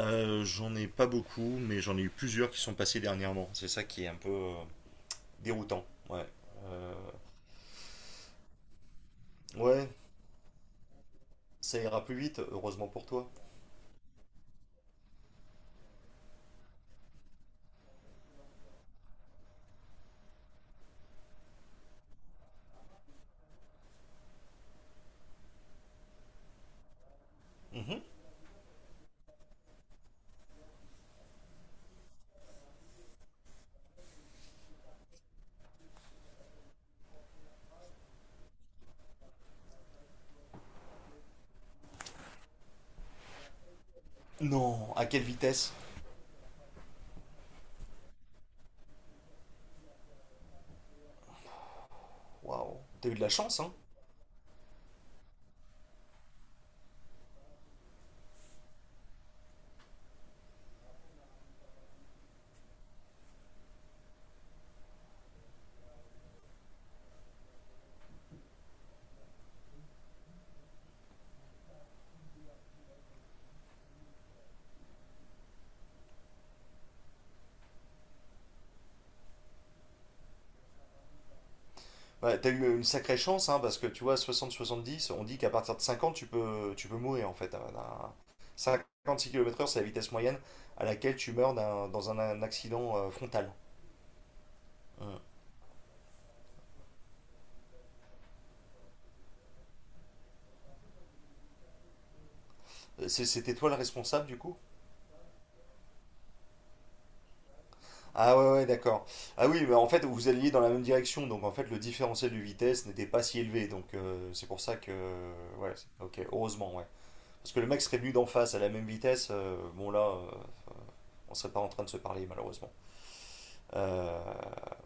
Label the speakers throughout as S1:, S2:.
S1: J'en ai pas beaucoup, mais j'en ai eu plusieurs qui sont passés dernièrement. C'est ça qui est un peu déroutant. Ouais. Euh, ouais, ça ira plus vite, heureusement pour toi. Mhm. Non, à quelle vitesse? Waouh, t'as eu de la chance, hein? Ouais, t'as eu une sacrée chance, hein, parce que tu vois, 60-70, on dit qu'à partir de 50, tu peux mourir, en fait. 56 km/h, c'est la vitesse moyenne à laquelle tu meurs dans un accident frontal. Euh, C'était toi le responsable, du coup? Ah ouais, ouais, d'accord. Ah oui, bah en fait, vous alliez dans la même direction, donc en fait, le différentiel de vitesse n'était pas si élevé, donc c'est pour ça que... Ouais, ok, heureusement, ouais. Parce que le mec serait venu d'en face à la même vitesse, bon là, on serait pas en train de se parler, malheureusement. Euh,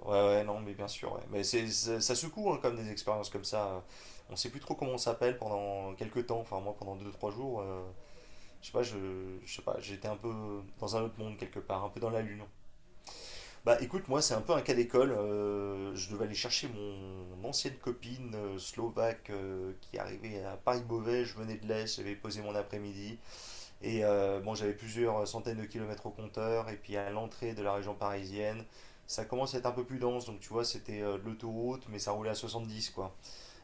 S1: ouais, ouais, non, mais bien sûr, ouais. Mais ça secoue, hein, comme des expériences comme ça. On sait plus trop comment on s'appelle pendant quelques temps, enfin moi, pendant deux trois jours, je sais pas, je, je sais pas, j'étais un peu dans un autre monde quelque part, un peu dans la lune. Bah écoute, moi c'est un peu un cas d'école. Je devais aller chercher mon ancienne copine slovaque qui arrivait à Paris-Beauvais. Je venais de l'Est, j'avais posé mon après-midi. Et bon, j'avais plusieurs centaines de kilomètres au compteur. Et puis à l'entrée de la région parisienne, ça commence à être un peu plus dense. Donc tu vois, c'était de l'autoroute, mais ça roulait à 70 quoi.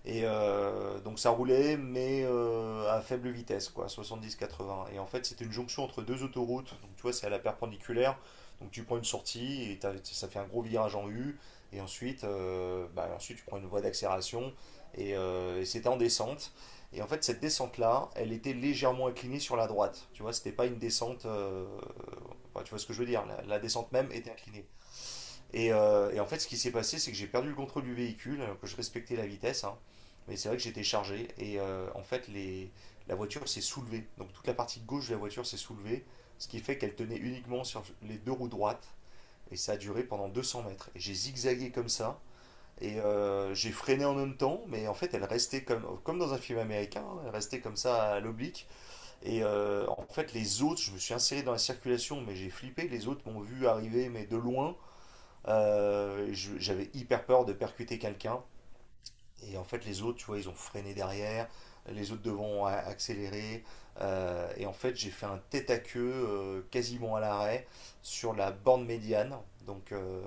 S1: Et donc ça roulait, mais à faible vitesse, quoi, 70-80. Et en fait, c'est une jonction entre deux autoroutes. Donc tu vois, c'est à la perpendiculaire. Donc tu prends une sortie et ça fait un gros virage en U. Et ensuite, bah, ensuite tu prends une voie d'accélération. Et c'était en descente. Et en fait, cette descente-là, elle était légèrement inclinée sur la droite. Tu vois, c'était pas une descente. Enfin, tu vois ce que je veux dire? La descente même était inclinée. Et en fait, ce qui s'est passé, c'est que j'ai perdu le contrôle du véhicule, que je respectais la vitesse, hein. Mais c'est vrai que j'étais chargé. Et en fait, la voiture s'est soulevée. Donc toute la partie gauche de la voiture s'est soulevée, ce qui fait qu'elle tenait uniquement sur les deux roues droites. Et ça a duré pendant 200 mètres. Et j'ai zigzagué comme ça. Et j'ai freiné en même temps, mais en fait elle restait comme dans un film américain, hein, elle restait comme ça à l'oblique. Et en fait les autres, je me suis inséré dans la circulation, mais j'ai flippé, les autres m'ont vu arriver, mais de loin. Euh, J'avais hyper peur de percuter quelqu'un. Et en fait, les autres, tu vois, ils ont freiné derrière. Les autres devant ont accéléré. Et en fait, j'ai fait un tête à queue quasiment à l'arrêt sur la borne médiane. Donc, euh,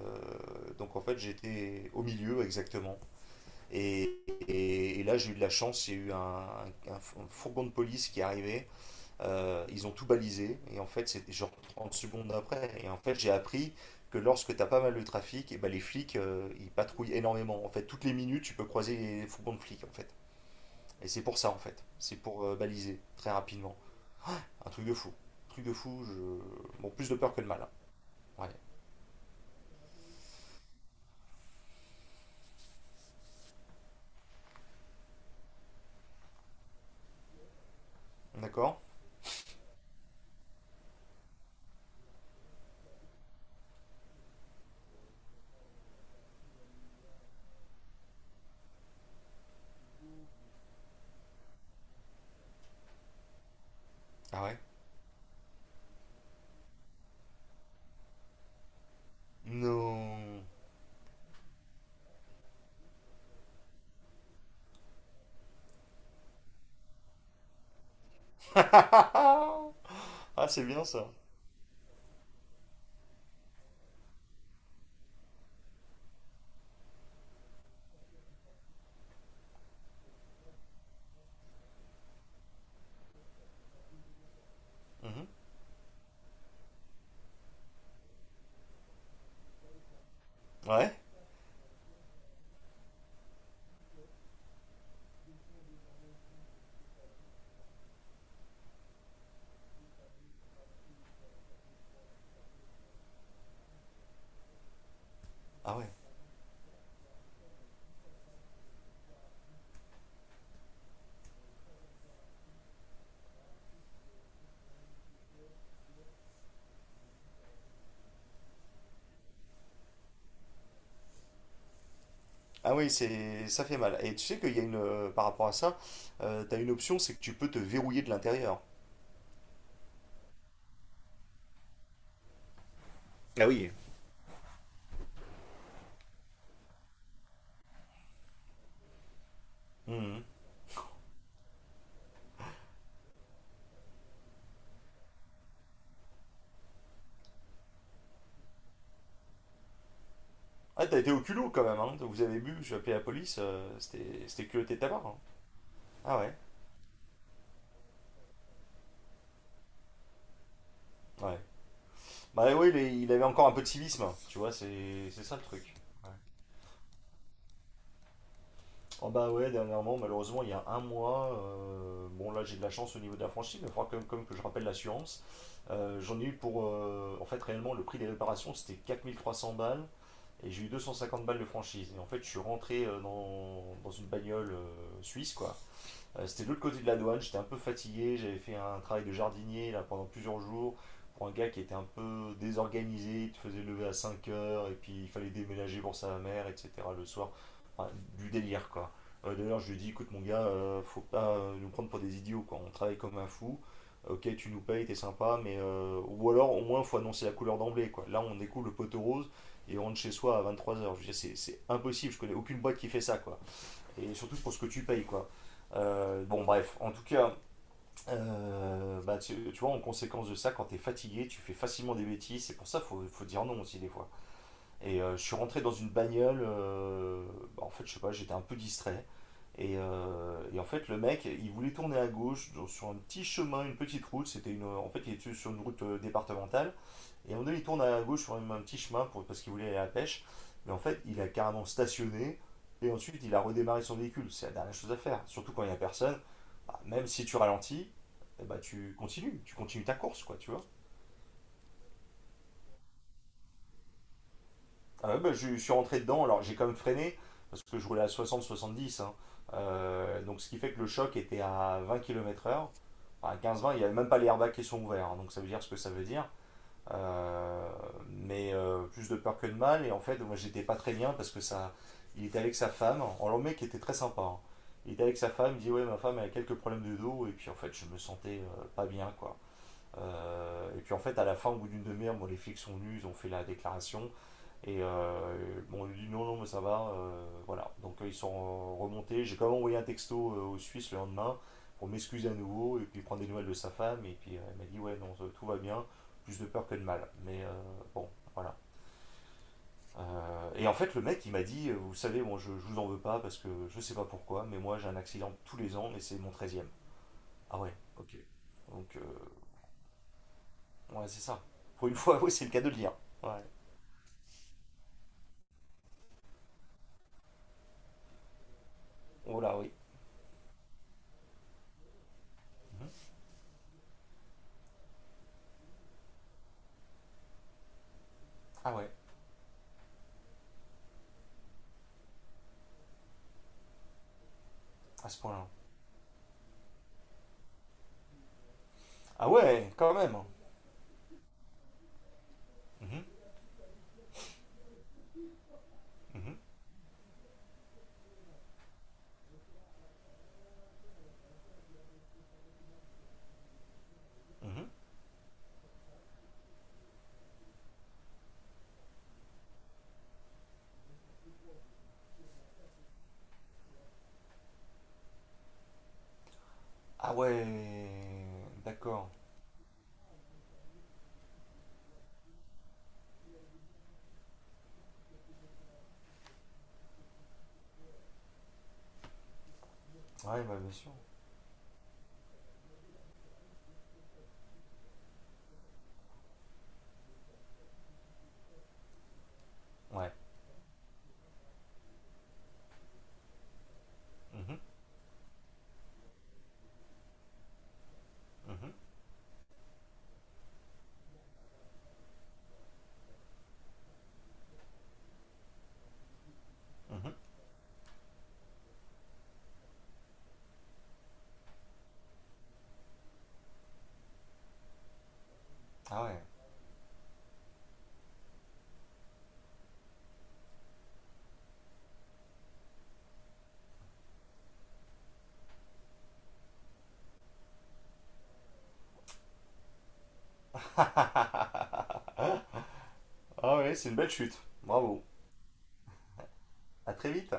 S1: donc en fait, j'étais au milieu exactement. Et, et là, j'ai eu de la chance. Il y a eu un, Un fourgon de police qui est arrivé ils ont tout balisé et en fait c'était genre 30 secondes après et en fait j'ai appris que lorsque t'as pas mal de trafic et ben les flics ils patrouillent énormément en fait toutes les minutes tu peux croiser les fourgons de flics en fait et c'est pour ça en fait c'est pour baliser très rapidement un truc de fou je bon plus de peur que de mal hein. Ouais, d'accord. Ah ouais, non. Ah ah. Ah, c'est bien ça. Mhm. Ouais. Ah ouais. Ah oui, c'est, ça fait mal. Et tu sais qu'il y a une, par rapport à ça, t'as une option, c'est que tu peux te verrouiller de l'intérieur. Ah oui. Mhm. Ah, t'as été au culot quand même, hein. Vous avez bu, j'ai appelé la police, c'était culotté de ta part, hein. Ah ouais, ouais. Bah oui, il avait encore un peu de civisme, tu vois, c'est ça le truc. Ouais. Oh bah ouais, dernièrement, malheureusement, il y a un mois, bon là j'ai de la chance au niveau de la franchise, mais il faudra quand même, quand que je rappelle l'assurance. J'en ai eu pour, en fait réellement, le prix des réparations c'était 4 300 balles, et j'ai eu 250 balles de franchise. Et en fait, je suis rentré dans une bagnole suisse, quoi, c'était de l'autre côté de la douane. J'étais un peu fatigué, j'avais fait un travail de jardinier là, pendant plusieurs jours pour un gars qui était un peu désorganisé. Il te faisait lever à 5 heures et puis il fallait déménager pour sa mère, etc. le soir. Enfin, du délire quoi. D'ailleurs, je lui ai dit écoute, mon gars, faut pas nous prendre pour des idiots quoi, on travaille comme un fou. Ok, tu nous payes, t'es sympa, mais ou alors au moins faut annoncer la couleur d'emblée quoi. Là, on découvre le poteau rose et on rentre chez soi à 23h. Je veux dire, c'est impossible, je connais aucune boîte qui fait ça quoi et surtout pour ce que tu payes, quoi. Bon, bref, en tout cas, bah, tu vois, en conséquence de ça, quand t'es fatigué, tu fais facilement des bêtises. C'est pour ça qu'il faut dire non aussi, des fois. Et je suis rentré dans une bagnole. Bah, en fait, je sais pas, j'étais un peu distrait. Et en fait, le mec, il voulait tourner à gauche sur un petit chemin, une petite route. C'était une, en fait, il était sur une route départementale. Et à un moment donné, il tourne à gauche sur un petit chemin pour, parce qu'il voulait aller à la pêche. Mais en fait, il a carrément stationné et ensuite il a redémarré son véhicule. C'est la dernière chose à faire. Surtout quand il n'y a personne, bah, même si tu ralentis, eh bah, tu continues ta course, quoi, tu vois. Ah ouais, bah, je suis rentré dedans, alors j'ai quand même freiné parce que je roulais à 60-70, hein. Donc ce qui fait que le choc était à 20 km/h. À 15-20, il n'y avait même pas les airbags qui sont ouverts, hein. Donc ça veut dire ce que ça veut dire. Euh, mais plus de peur que de mal. Et en fait, moi, j'étais pas très bien parce que ça. Il était avec sa femme. Alors, le mec était très sympa, hein. Il était avec sa femme, il dit ouais, ma femme elle a quelques problèmes de dos. Et puis, en fait, je me sentais pas bien, quoi. Et puis, en fait, à la fin, au bout d'une demi-heure, bon, les flics sont venus, ils ont fait la déclaration. Et bon, on lui dit non, non, mais ça va, voilà. Donc ils sont remontés. J'ai quand même envoyé un texto aux Suisses le lendemain pour m'excuser à nouveau et puis prendre des nouvelles de sa femme. Et puis elle m'a dit ouais, non, tout va bien. Plus de peur que de mal. Mais bon, voilà. Et en fait, le mec, il m'a dit, vous savez, moi, je vous en veux pas parce que je sais pas pourquoi, mais moi, j'ai un accident tous les ans et c'est mon treizième. Ah ouais, ok. Donc, ouais, c'est ça. Pour une fois, oui, c'est le cas de le dire. Ouais. Oh là oui. Mm-hmm. Ah ouais, à ce point-là. Ah ouais, quand même. Mhm, mhm, mhm. Ah ouais, d'accord. Ouais, bah bien sûr. Ouais. Mhm, mhm, mhm. Ah ouais. Ah ouais, c'est une belle chute. Bravo. À très vite.